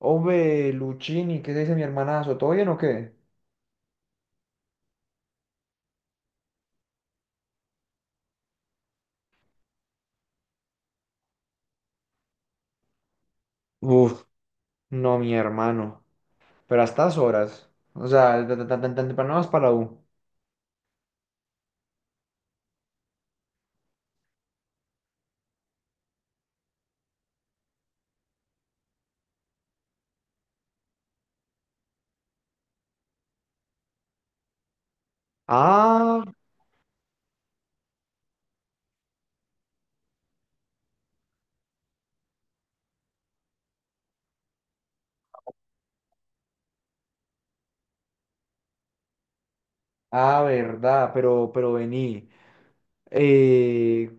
Ove, Luchini, ¿qué se dice mi hermanazo? ¿Todo bien o qué? Uf, no, mi hermano. Pero a estas horas. O sea, tan temprano vas para la U. Ah, ah, verdad, pero vení. Eh,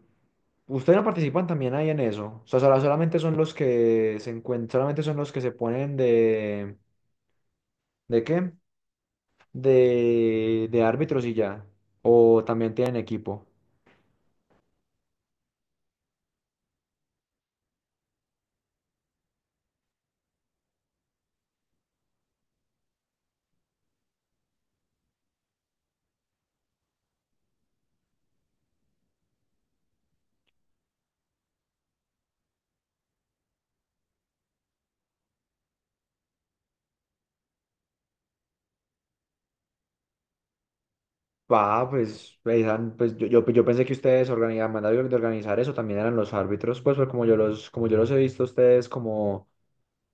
¿Ustedes no participan también ahí en eso? O sea, solamente son los que se encuentran, solamente son los que se ponen ¿de qué? De árbitros y ya. O también tienen equipo. Ah, pues, pues yo pensé que ustedes organizaban, mandaban de organizar eso, también eran los árbitros, pues, como yo los he visto a ustedes como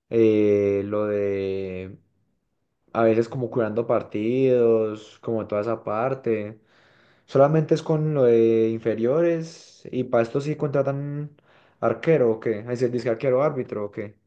lo de a veces como curando partidos, como toda esa parte. Solamente es con lo de inferiores y para esto sí contratan arquero o qué, es decir, disque arquero árbitro o qué.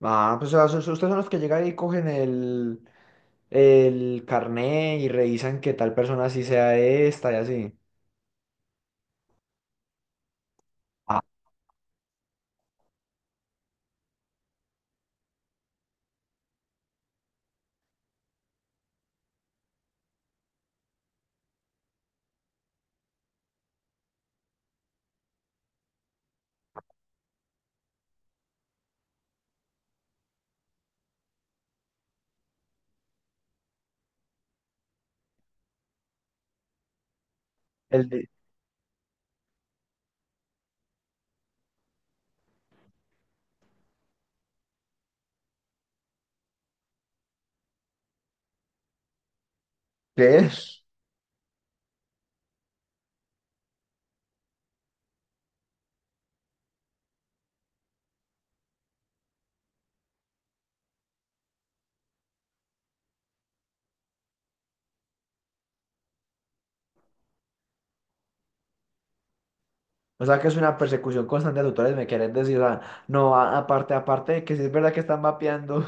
Ah, pues o sea, ustedes son los que llegan y cogen el carné y revisan que tal persona sí sea esta y así. Ah, el de- ¿qué es? O sea, que es una persecución constante de tutores, me quieren decir, o sea, no, aparte de que si es verdad que están mapeando,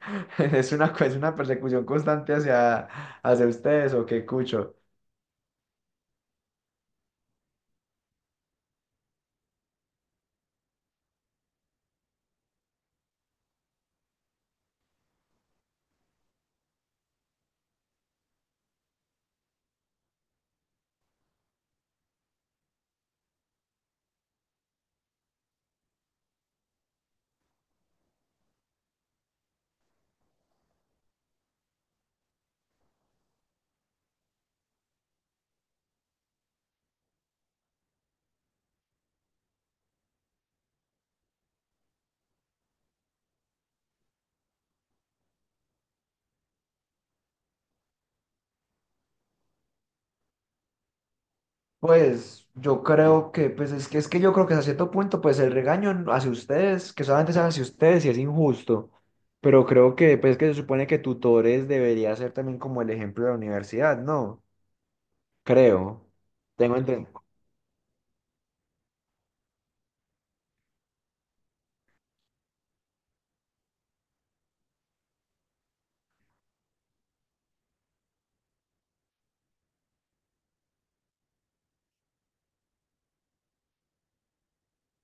es una persecución constante hacia ustedes, o qué cucho. Pues yo creo que, pues es que yo creo que hasta cierto punto, pues el regaño hacia ustedes, que solamente es hacia ustedes y es injusto, pero creo que, pues que se supone que tutores debería ser también como el ejemplo de la universidad, ¿no? Creo, tengo entendido.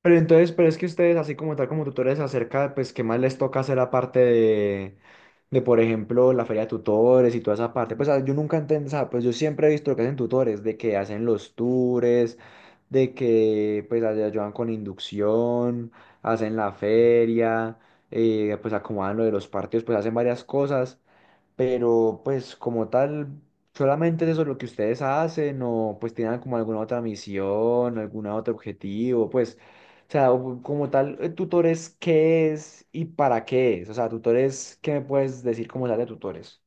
Pero entonces, pero es que ustedes, así como tal, como tutores, acerca, pues, ¿qué más les toca hacer aparte de, por ejemplo, la feria de tutores y toda esa parte? Pues, ah, yo nunca entendí, o sea, pues, yo siempre he visto lo que hacen tutores, de que hacen los tours, de que, pues, ayudan con inducción, hacen la feria, pues, acomodan lo de los partidos, pues, hacen varias cosas, pero pues como tal, solamente es eso lo que ustedes hacen o pues tienen como alguna otra misión, alguna otro objetivo, pues, o sea, como tal, tutores, ¿qué es y para qué es? O sea, tutores, ¿qué me puedes decir como tal de tutores?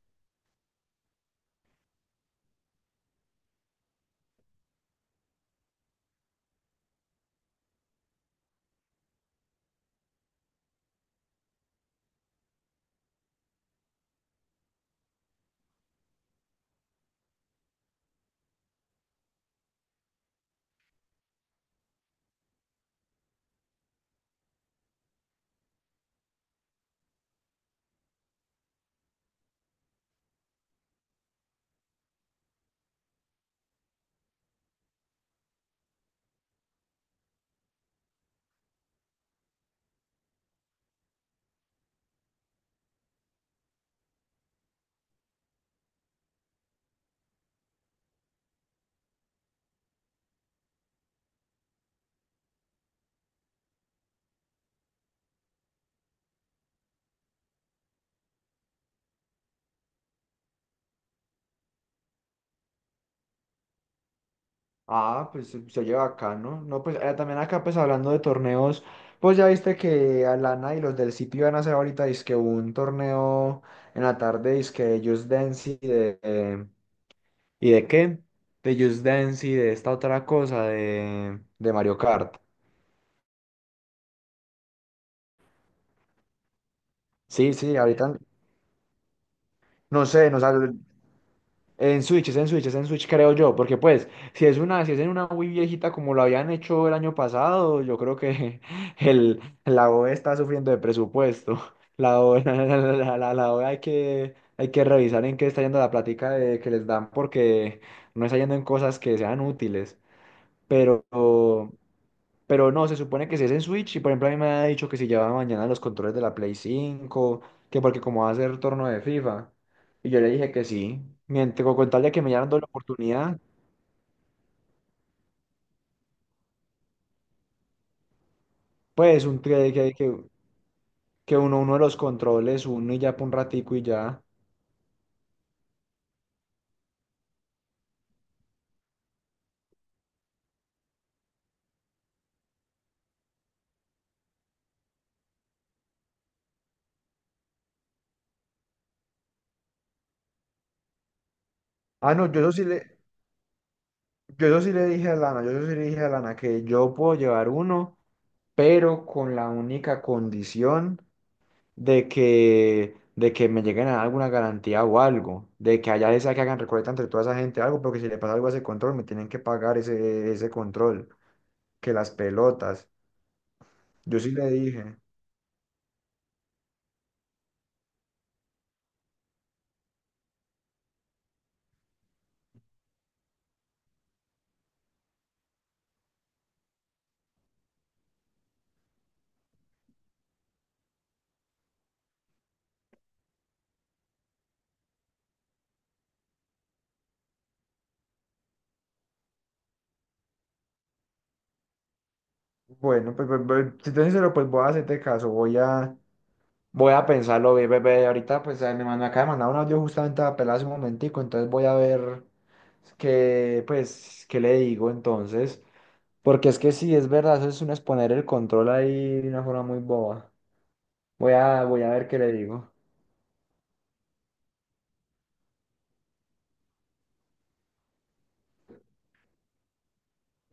Ah, pues se oye acá, ¿no? No, pues también acá pues hablando de torneos, pues ya viste que Alana y los del sitio van a hacer ahorita dizque un torneo en la tarde, dizque Just Dance y de, ¿y de qué? De Just Dance y de esta otra cosa de Mario Kart. Sí, sí, ahorita no sé, no sale en Switch, es en Switch creo yo, porque pues si es en una Wii viejita como lo habían hecho el año pasado, yo creo que el la OE está sufriendo de presupuesto. La OE, la OE hay que revisar en qué está yendo la plática de, que les dan porque no está yendo en cosas que sean útiles. Pero Pero no, se supone que si es en Switch, y por ejemplo a mí me ha dicho que si llevaba mañana los controles de la Play 5, que porque como va a ser torno de FIFA. Y yo le dije que sí, mientras con tal de que me hayan dado la oportunidad, pues un que, uno de los controles, uno y ya por un ratico y ya. Ah, no, yo eso sí le dije a Lana que yo puedo llevar uno, pero con la única condición. De que me lleguen a dar alguna garantía o algo, de que allá les sea que hagan recolecta entre toda esa gente algo, porque si le pasa algo a ese control, me tienen que pagar ese control, que las pelotas. Yo sí le dije, bueno, pues, si te soy sincero, pues voy a hacerte caso, voy a pensarlo bien, bebé. Ahorita, pues me acaba de mandar un audio justamente a pelar hace un momentico, entonces voy a ver qué, pues, qué le digo entonces. Porque es que sí, es verdad, eso es un exponer el control ahí de una forma muy boba. Voy a ver qué le digo.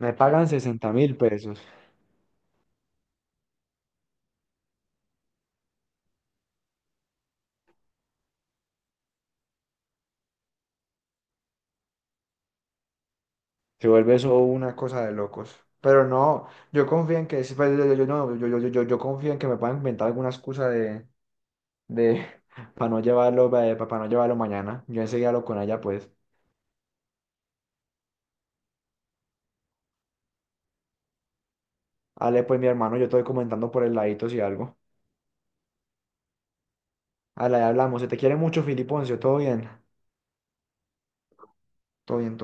Me pagan 60.000 pesos. Se vuelve eso una cosa de locos. Pero no, yo confío en que, sí, pues, yo- yo no, yo confío en que me puedan inventar alguna excusa de para no llevarlo mañana. Yo enseguida hablo con ella, pues. Ale, pues, mi hermano, yo estoy comentando por el ladito si algo. Ale, hablamos. Se te quiere mucho, Filiponcio. Todo bien. Todo bien.